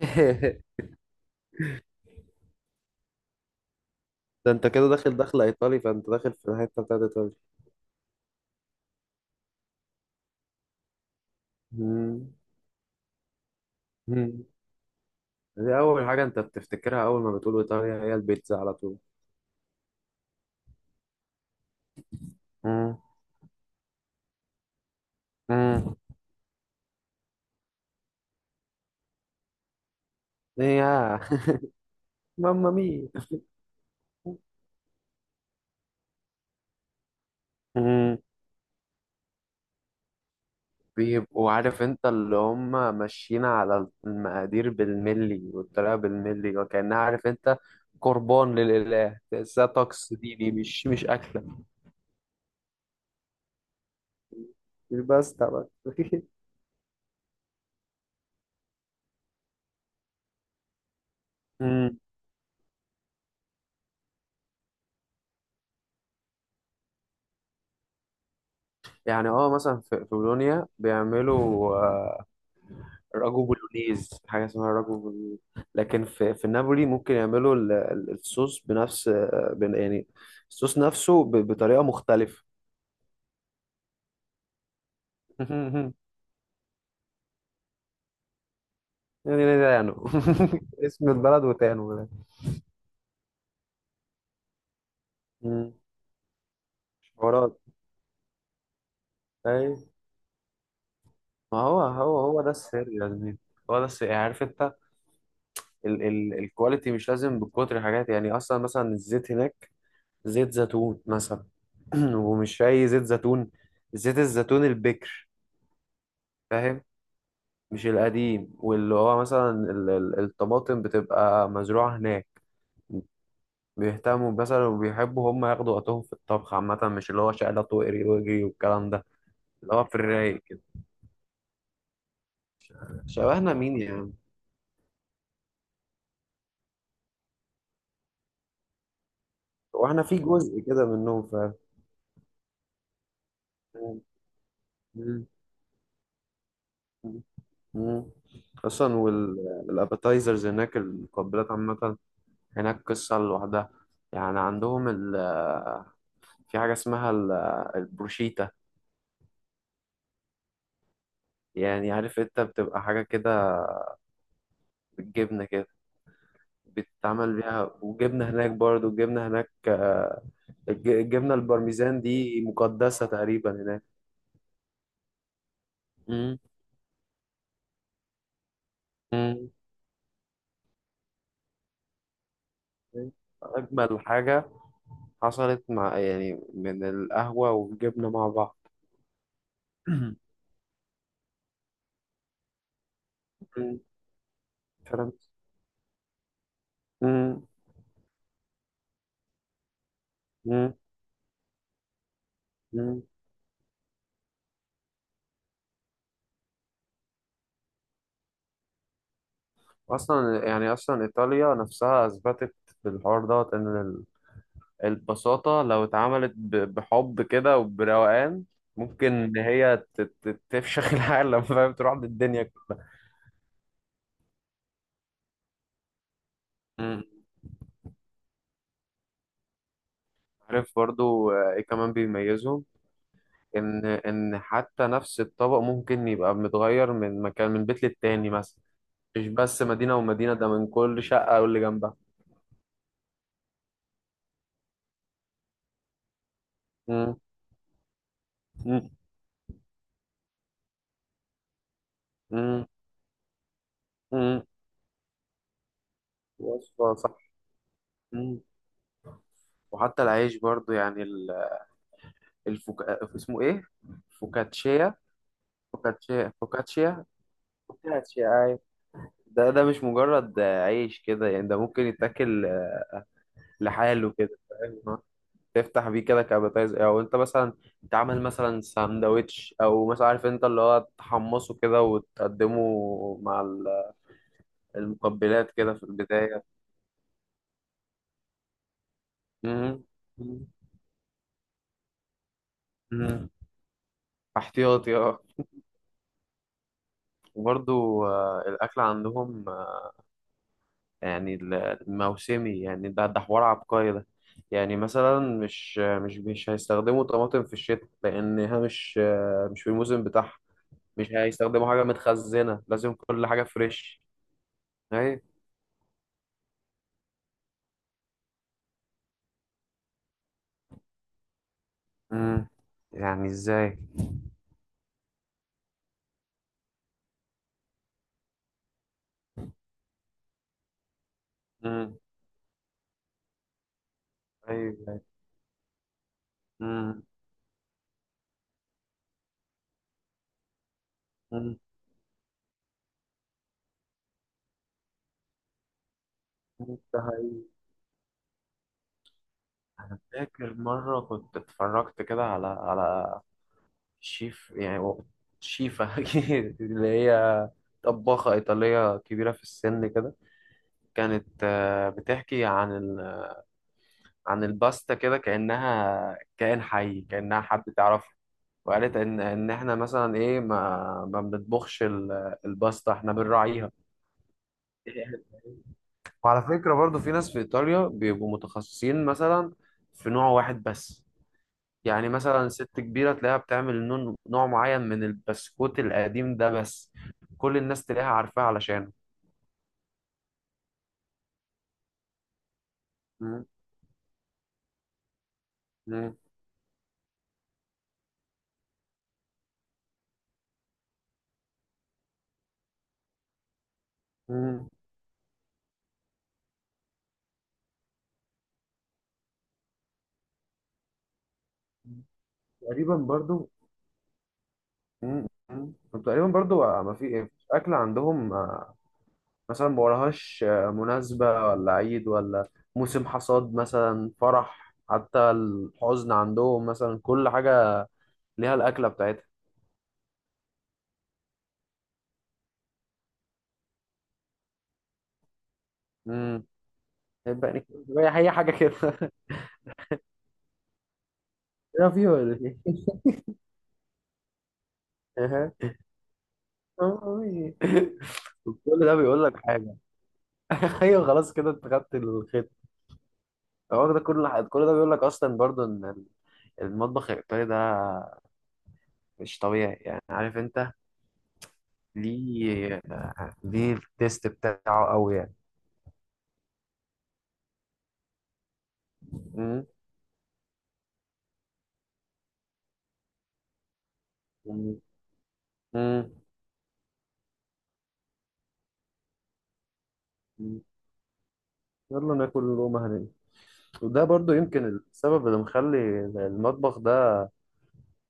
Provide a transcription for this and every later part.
ده انت كده داخل دخلة ايطالي، فانت داخل في الحتة بتاعت ايطاليا. مم. مم. دي اول حاجة انت بتفتكرها اول ما بتقول ايطاليا، هي البيتزا على طول. مم. مم. يا ماما مي! مم. بيبقوا عارف انت اللي هم ماشيين على المقادير بالملي والطريقة بالملي، وكأنها عارف انت قربان للإله، تحسها طقس ديني مش أكلة. مش بس طبعا مم. يعني مثلا في بولونيا بيعملوا راجو بولونيز، حاجه اسمها راجو بولونيز. لكن في نابولي ممكن يعملوا الصوص بنفس يعني الصوص نفسه بطريقه مختلفه. يعني ده تانو اسم البلد وتانو ده. مم. حوارات. اي. ما هو ده السر يا زميلي، هو ده السر. يعني عارف انت ال ال الكواليتي مش لازم بكتر حاجات، يعني اصلا مثلا الزيت هناك، زيت زيتون مثلا. ومش اي زيت زيتون، زيت الزيتون البكر. فاهم؟ مش القديم، واللي هو مثلا الطماطم بتبقى مزروعة هناك. بيهتموا مثلا وبيحبوا هم ياخدوا وقتهم في الطبخ عامة، مش اللي هو شقلط واقري واجري والكلام ده، اللي هو في الرايق كده. شبهنا مين يا عم؟ واحنا في جزء كده منهم فعلا. مم. مم. اصلا والابيتايزرز هناك، المقبلات عامة هناك قصة لوحدها. يعني عندهم في حاجة اسمها البروشيتا، يعني عارف انت بتبقى حاجة كده بالجبنة كده. بيتعمل بيها، وجبنة هناك برضو. الجبنة هناك، الجبنة البارميزان دي مقدسة تقريبا هناك. مم. مم. أجمل حاجة حصلت، مع يعني من القهوة والجبنة مع بعض. مم. فاهم؟ مم. مم. مم. أصلا يعني أصلا إيطاليا نفسها أثبتت بالحوار دوت إن البساطة لو اتعملت بحب كده وبروقان، ممكن إن هي تفشخ العالم، فاهم؟ تروح بالدنيا كلها. عارف برضو ايه كمان بيميزهم؟ ان حتى نفس الطبق ممكن يبقى متغير من مكان، من بيت للتاني مثلا. مش بس مدينة ومدينة، ده من كل شقة واللي جنبها. مم، مم، مم، مم. وصفة صح. مم. وحتى العيش برضو، يعني اسمه ايه؟ فوكاتشيا، فوكاتشيا، فوكاتشيا، فوكاتشيا. أيوة. ده مش مجرد عيش كده، يعني ده ممكن يتاكل لحاله كده. فاهم؟ تفتح بيه كده كابيتايز، او انت مثلا تعمل مثلا ساندوتش، او مثلا عارف انت اللي هو تحمصه كده وتقدمه مع المقبلات كده في البداية. مم. مم. مم. احتياطي، اه. وبرضو الأكل عندهم يعني الموسمي، يعني ده حوار عبقري ده. يعني مثلا مش آه، مش مش هيستخدموا طماطم في الشتاء، لأنها مش في الموسم بتاعها. مش هيستخدموا حاجة متخزنة، لازم كل حاجة فريش. أيوة. مم. يعني ازاي؟ مم. ايوه. مم. مم. مم. ده حقيقي. انا فاكر مره كنت اتفرجت كده على شيف، يعني شيفه اللي هي طباخه ايطاليه كبيره في السن كده، كانت بتحكي عن عن الباستا كده، كانها كائن حي، كانها حد تعرفه. وقالت ان احنا مثلا ايه، ما بنطبخش الباستا، احنا بنراعيها. وعلى فكرة برضو في ناس في إيطاليا بيبقوا متخصصين مثلا في نوع واحد بس. يعني مثلا ست كبيرة تلاقيها بتعمل نوع معين من البسكوت القديم ده بس، كل الناس تلاقيها عارفاه علشانه. مم. مم. مم. تقريبا برضو. مم. مم. طب تقريبا برضو ما في إيه؟ أكل عندهم مثلا ما وراهاش مناسبة ولا عيد، ولا موسم حصاد مثلا، فرح، حتى الحزن، عندهم مثلا كل حاجة ليها الأكلة بتاعتها. البقني، هي حاجه كده ايه فيه ولا ايه؟ أها. كل ده بيقول لك حاجه. ايوه، خلاص كده انت خدت الخيط. هو ده كل حاجة. كل ده بيقول لك اصلا برضو ان المطبخ الايطالي ده مش طبيعي، يعني عارف انت ليه ليه التيست بتاعه قوي يعني. مم. مم. مم. مم. يلا ناكل اللقمة هنا. وده برضو يمكن السبب اللي مخلي المطبخ ده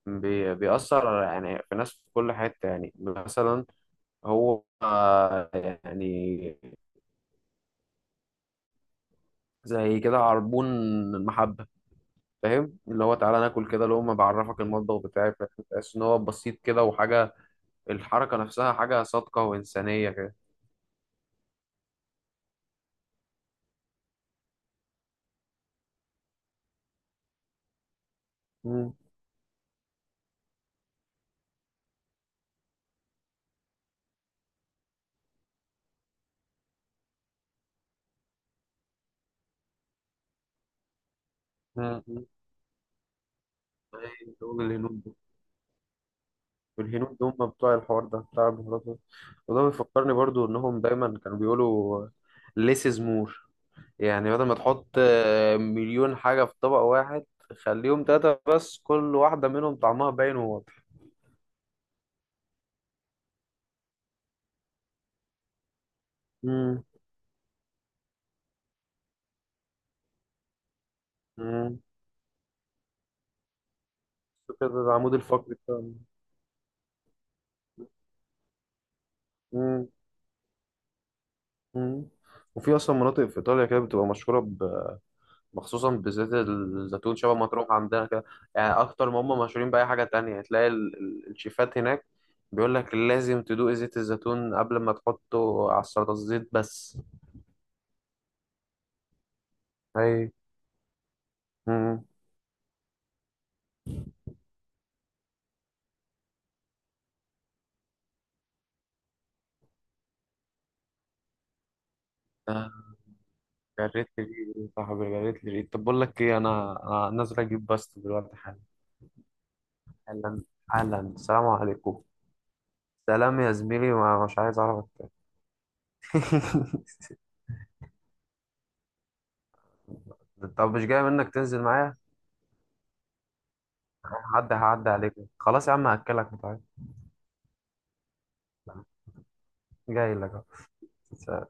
بيأثر، يعني في ناس في كل حتة. يعني مثلا هو يعني زي كده عربون المحبة، فاهم؟ اللي هو تعالى ناكل كده لقمة، بعرفك المطبخ بتاعي. فاهم؟ تحس ان هو بسيط كده، وحاجة الحركة نفسها حاجة صادقة وإنسانية كده. مم. مم. مم. أي، دول الهنود. دول الهنود دول هم بتوع الحوار ده بتاع البهارات ده. وده بيفكرني برضو انهم دايما كانوا بيقولوا less is more. يعني بدل ما تحط مليون حاجة في طبق واحد، خليهم تلاتة بس، كل واحدة منهم طعمها باين وواضح. مم. مم. فاكر العمود الفقري بتاعنا. مم. مم. وفي اصلا مناطق في ايطاليا كده بتبقى مشهوره ب... مخصوصا بزيت الزيتون، شبه ما تروح عندنا كده. يعني اكتر ما هم مشهورين باي حاجه تانية، تلاقي الشيفات هناك بيقول لك لازم تدوق زيت الزيتون قبل ما تحطه على السلطه، الزيت بس. اي. مم. آه، جريت لي ريق يا صاحبي، جريت لي ريق. طب بقول لك ايه، انا نازل اجيب بس دلوقتي حالا، حالا، حالا. السلام عليكم. سلام يا زميلي، ما مش عايز اعرفك تاني. طب مش جاي منك تنزل معايا؟ هعدي هعدي عليك. خلاص يا عم، هاكلك متعب. جاي لك. أهو.